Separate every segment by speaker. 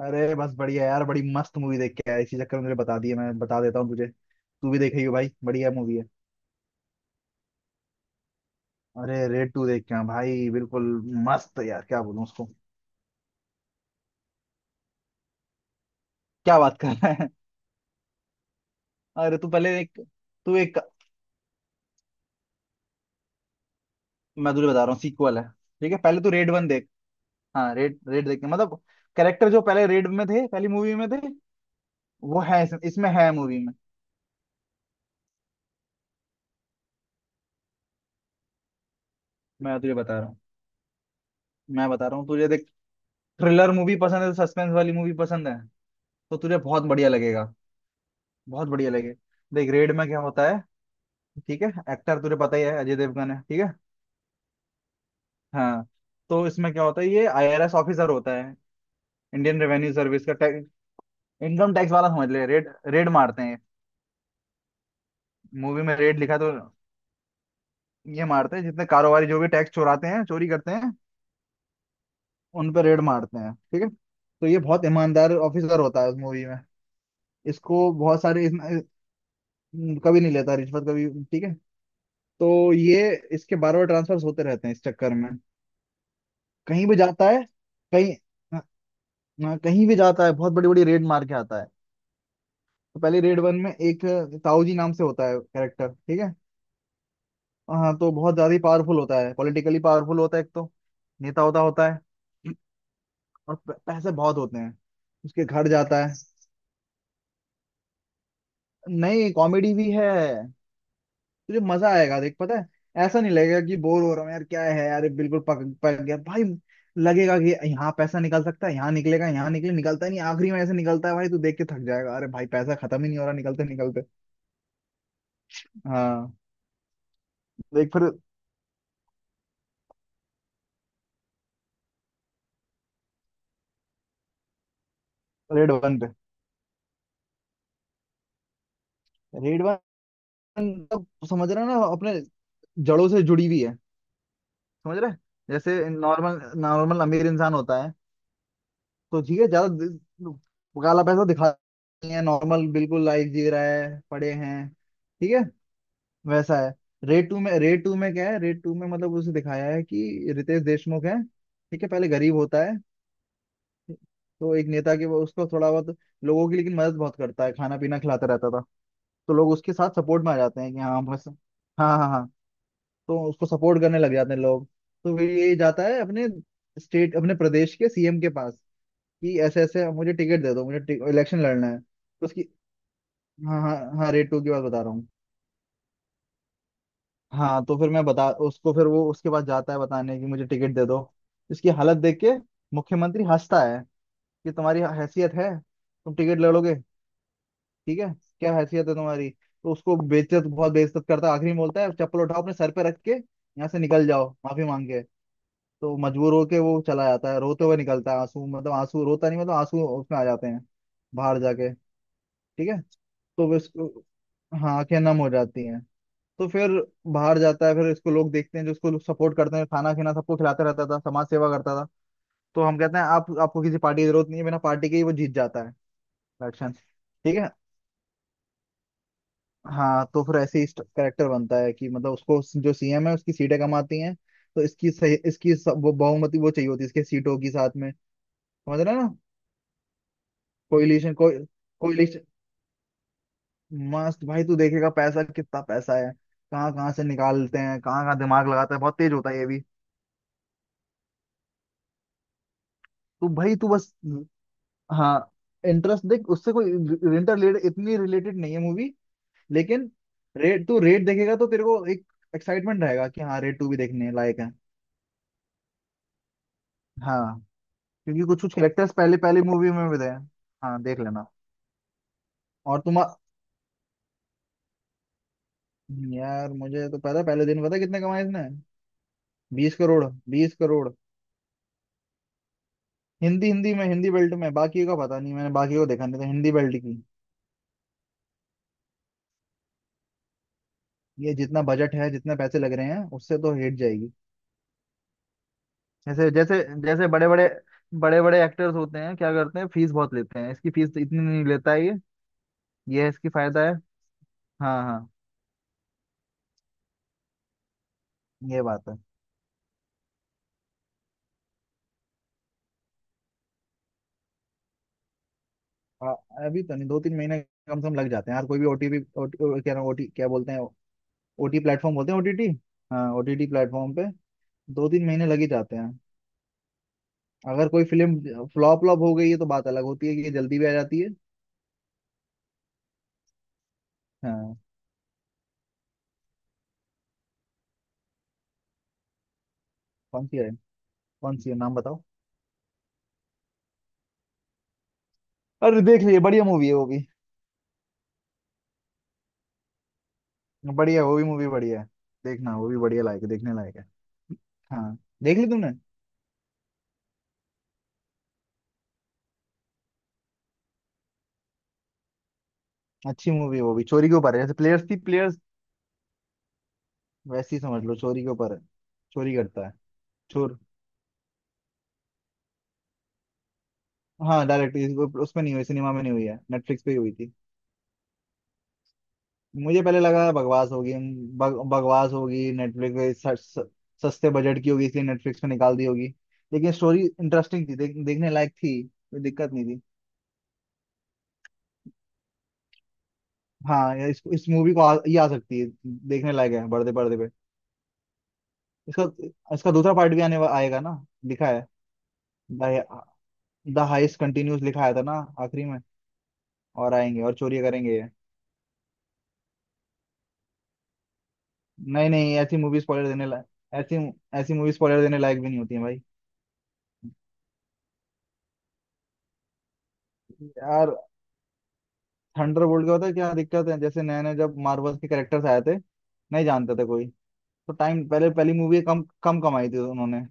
Speaker 1: अरे बस बढ़िया यार। बड़ी मस्त मूवी देख के आया। इसी चक्कर में मुझे बता दिया। मैं बता देता हूँ तुझे तू भी देखेगी भाई। बढ़िया मूवी है। अरे रेड टू देख के आया भाई। बिल्कुल मस्त है यार क्या बोलूं उसको। क्या बात कर रहा है। अरे तू पहले एक तू एक मैं तुझे बता रहा हूँ सीक्वल है। ठीक है पहले तू रेड वन देख। हाँ रेड रेड देख के मतलब कैरेक्टर जो पहले रेड में थे पहली मूवी में थे वो है इसमें है मूवी में। मैं तुझे बता रहा हूँ। मैं बता रहा हूँ तुझे देख। थ्रिलर मूवी पसंद है सस्पेंस वाली मूवी पसंद है तो तुझे बहुत बढ़िया लगेगा। बहुत बढ़िया लगेगा। देख रेड में क्या होता है ठीक है। एक्टर तुझे पता ही है अजय देवगन है ठीक है। हाँ तो इसमें क्या होता है, ये आईआरएस ऑफिसर होता है। इंडियन रेवेन्यू सर्विस का टैक्स, इनकम टैक्स वाला समझ ले। रेड, रेड मारते हैं मूवी में रेड लिखा तो। ये मारते हैं जितने कारोबारी जो भी टैक्स चुराते हैं चोरी करते हैं उन पर रेड मारते हैं। ठीक है तो ये बहुत ईमानदार ऑफिसर होता है उस मूवी में। इसको बहुत सारे कभी नहीं लेता रिश्वत कभी। ठीक है तो ये, इसके बार बार ट्रांसफर होते रहते हैं इस चक्कर में। कहीं भी जाता है। कहीं, हाँ, कहीं भी जाता है बहुत बड़ी बड़ी रेड मार के आता है। तो पहले रेड वन में एक ताऊ जी नाम से होता है कैरेक्टर ठीक है। हाँ, तो बहुत ज्यादा ही पावरफुल होता है, पॉलिटिकली पावरफुल होता है एक तो, नेता होता होता है। और पैसे बहुत होते हैं। उसके घर जाता है। नहीं कॉमेडी भी है। तुझे मजा आएगा देख पता है। ऐसा नहीं लगेगा कि बोर हो रहा हूँ यार क्या है यार ये बिल्कुल पक पक गया भाई। लगेगा कि यहाँ पैसा निकल सकता है, यहाँ निकलेगा, यहाँ निकले, निकलता नहीं, आखिरी में ऐसे निकलता है भाई तू देख के थक जाएगा। अरे भाई पैसा खत्म ही नहीं हो रहा निकलते निकलते। हाँ देख फिर। रेड वन पे। रेड वन तो समझ रहा है ना अपने जड़ों से जुड़ी हुई है। समझ रहे हैं? जैसे नॉर्मल नॉर्मल अमीर इंसान होता है तो ठीक है, ज्यादा काला पैसा दिखा नहीं है, नॉर्मल बिल्कुल लाइफ जी रहा है पड़े हैं ठीक है, वैसा है। रेड टू में मतलब उसे दिखाया है कि रितेश देशमुख है ठीक है, पहले गरीब होता है। तो एक नेता के वो उसको थोड़ा बहुत, लोगों की लेकिन मदद बहुत करता है खाना पीना खिलाता रहता था। तो लोग उसके साथ सपोर्ट में आ जाते हैं कि हाँ बस। हाँ हाँ हाँ। तो उसको सपोर्ट करने लग जाते हैं लोग। तो फिर ये जाता है अपने स्टेट, अपने प्रदेश के सीएम के पास कि ऐसे ऐसे मुझे टिकट दे दो, मुझे इलेक्शन लड़ना है तो उसकी। हाँ हाँ हाँ रेट टू की बात बता रहा हूँ। हाँ तो फिर मैं बता, उसको फिर वो उसके पास जाता है बताने कि मुझे टिकट दे दो, इसकी हालत देख के मुख्यमंत्री हंसता है कि तुम्हारी हैसियत है तुम टिकट लड़ोगे ठीक है, क्या हैसियत है तुम्हारी। तो उसको बेइज्जत, बहुत बेइज्जत करता है। आखिरी में बोलता है चप्पल उठाओ अपने सर पे रख के यहाँ से निकल जाओ माफी मांग के। तो मजबूर होके वो चला जाता है, रोते हुए निकलता है, आंसू मतलब आंसू रोता नहीं मतलब आंसू उसमें आ जाते हैं बाहर जाके ठीक है, तो वो इसको। हाँ, आंखें नम हो जाती हैं। तो फिर बाहर जाता है, फिर इसको लोग देखते हैं जो इसको लोग सपोर्ट करते हैं, खाना खीना सबको खिलाते रहता था, समाज सेवा करता था, तो हम कहते हैं आप, आपको किसी पार्टी की जरूरत नहीं है, बिना पार्टी के ही वो जीत जाता है इलेक्शन। ठीक है। हाँ तो फिर ऐसे ही करेक्टर बनता है कि मतलब उसको जो सीएम है उसकी सीटें कम आती हैं। तो इसकी सही इसकी स- वो बहुमति वो चाहिए होती है इसके सीटों की साथ में। समझ रहे हैं ना? कोयलिशन को। कोयलिशन। मस्त भाई तू देखेगा पैसा, कितना पैसा है, कहाँ कहाँ से निकालते हैं, कहाँ कहाँ दिमाग लगाता है, बहुत तेज होता है ये भी। तू भाई तू बस। हाँ इंटरेस्ट देख, उससे कोई इंटर इतनी रिलेटेड नहीं है मूवी। लेकिन रेट देखेगा तो तेरे को एक एक्साइटमेंट रहेगा कि हाँ रेट टू भी देखने लायक है। हाँ क्योंकि कुछ कुछ कैरेक्टर्स पहले, पहले मूवी में भी थे। हाँ देख लेना। और तुम, यार मुझे तो पता है, पहले दिन पता है कितने कमाए इसने। 20 करोड़। 20 करोड़ हिंदी हिंदी में, हिंदी बेल्ट में, बाकी का पता नहीं, मैंने बाकी को देखा नहीं तो हिंदी बेल्ट की। ये जितना बजट है जितने पैसे लग रहे हैं उससे तो हिट जाएगी। जैसे जैसे जैसे बड़े बड़े एक्टर्स होते हैं क्या करते हैं फीस बहुत लेते हैं, इसकी फीस इतनी नहीं लेता है ये। ये है इसकी फायदा है। हाँ हाँ ये बात है। आ, अभी तो नहीं, 2-3 महीने कम से कम लग जाते हैं यार कोई भी ओटीपी, क्या नाम, ओटी क्या बोलते हैं, ओटी प्लेटफॉर्म बोलते हैं, ओटीटी। हाँ ओटीटी प्लेटफॉर्म पे 2-3 महीने लग ही जाते हैं। अगर कोई फिल्म फ्लॉप फ्लॉप हो गई है तो बात अलग होती है कि ये जल्दी भी आ जाती है। हाँ कौन सी है? कौन सी है नाम बताओ। अरे देख लिए, बढ़िया मूवी है वो भी। बढ़िया, वो भी मूवी बढ़िया है। देखना, वो भी बढ़िया लायक है, देखने लायक है। हाँ देख ली तुमने। अच्छी मूवी है वो भी, चोरी के ऊपर है जैसे प्लेयर्स थी, प्लेयर्स वैसी ही समझ लो, चोरी के ऊपर है, चोरी करता है चोर। हाँ डायरेक्ट उसमें नहीं हुई, सिनेमा में नहीं हुई है, नेटफ्लिक्स पे ही हुई थी। मुझे पहले लगा बकवास होगी, बकवास होगी नेटफ्लिक्स पे, सस्ते बजट की होगी इसलिए नेटफ्लिक्स पे निकाल दी होगी। लेकिन स्टोरी इंटरेस्टिंग थी, देखने लायक थी, कोई दिक्कत नहीं थी। हाँ इस मूवी को, ये आ सकती है, देखने लायक है बड़े पर्दे पे। इसका इसका दूसरा पार्ट भी आएगा ना, लिखा है। द हाइस्ट कंटिन्यूस लिखा आया था ना आखिरी में, और आएंगे और चोरी करेंगे ये। नहीं नहीं ऐसी मूवी स्पॉइलर देने लायक। ऐसी ऐसी मूवी स्पॉइलर देने लायक भी नहीं होती है भाई। यार थंडरबोल्ट का पता है क्या दिक्कत है, जैसे नए नए जब मार्वल के कैरेक्टर्स आए थे नहीं जानते थे कोई, तो टाइम पहले पहली मूवी कम कम कमाई थी उन्होंने।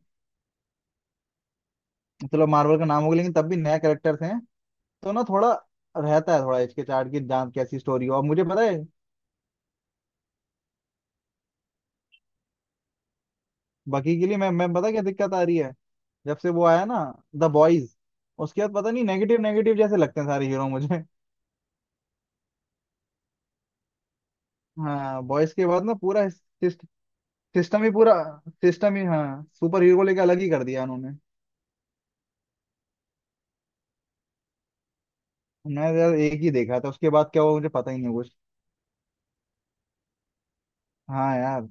Speaker 1: चलो मार्वल का नाम हो गया लेकिन तब भी नए कैरेक्टर्स हैं तो ना थोड़ा रहता है, थोड़ा हिचकिचाहट की जान कैसी स्टोरी हो, और मुझे पता है। बाकी के लिए मैं पता क्या दिक्कत आ रही है। जब से वो आया ना द बॉयज, उसके बाद पता नहीं, नेगेटिव नेगेटिव जैसे लगते हैं सारे हीरो मुझे। हाँ बॉयज के बाद ना पूरा, सिस्टम ही पूरा सिस्टम ही हाँ, सुपर हीरो को लेकर अलग ही कर दिया उन्होंने। मैं यार एक ही देखा था, उसके बाद क्या हुआ मुझे पता ही नहीं कुछ। हाँ यार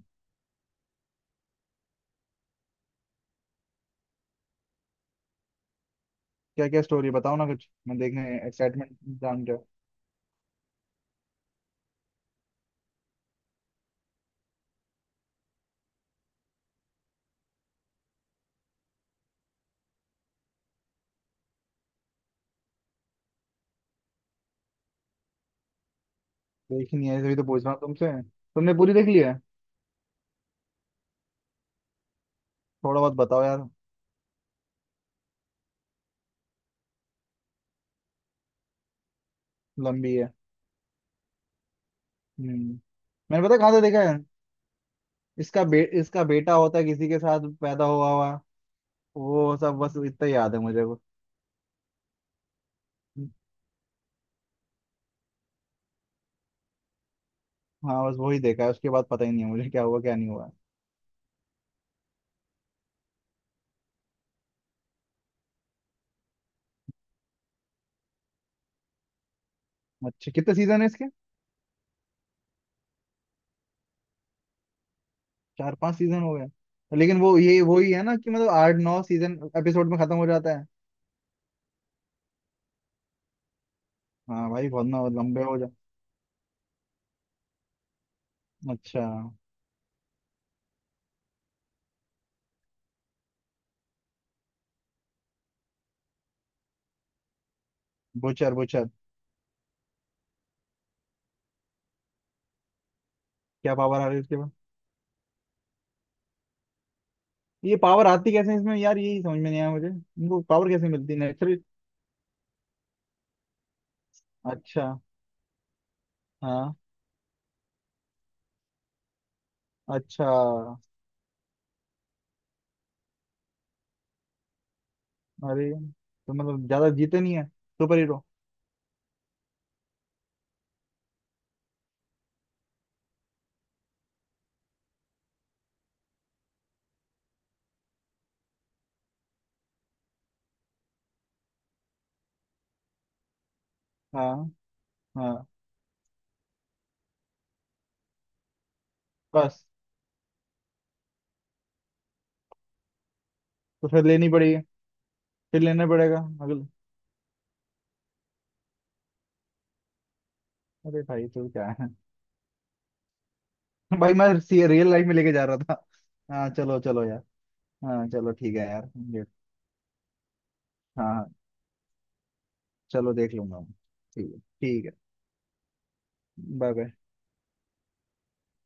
Speaker 1: क्या क्या स्टोरी बताओ ना कुछ, मैं देखने एक्साइटमेंट जान के। देखी नहीं है इसलिए तो पूछ रहा हूँ तुमसे, तुमने पूरी देख ली है थोड़ा बहुत बताओ यार। लंबी है। हम्म। मैंने पता है कहाँ से देखा है। इसका बेटा होता है किसी के साथ पैदा हुआ हुआ। वो सब, बस इतना ही याद है मुझे वो। हाँ बस वही देखा है, उसके बाद पता ही नहीं है मुझे क्या हुआ क्या नहीं हुआ। अच्छा कितने सीजन है इसके। 4-5 सीजन हो गए। लेकिन वो ये वही है ना कि मतलब 8-9 सीजन एपिसोड में खत्म हो जाता है। हाँ भाई बहुत ना लंबे हो जा। अच्छा। Butcher Butcher. क्या पावर आ रही है उसके बाद? ये पावर आती कैसे है इसमें यार, यही समझ में नहीं आया मुझे, इनको पावर कैसे मिलती है, नेचुरल? अच्छा। हाँ। अच्छा। अरे तो मतलब ज्यादा जीते नहीं है सुपर हीरो। हाँ हाँ बस। तो फिर लेनी पड़ेगी, फिर लेना पड़ेगा अगले। अरे भाई तो क्या है। भाई मैं सी रियल लाइफ में लेके जा रहा था। हाँ चलो चलो यार। हाँ चलो ठीक है यार। ये- हाँ हाँ चलो देख लूंगा मैं। ठीक है ठीक है। Bye bye.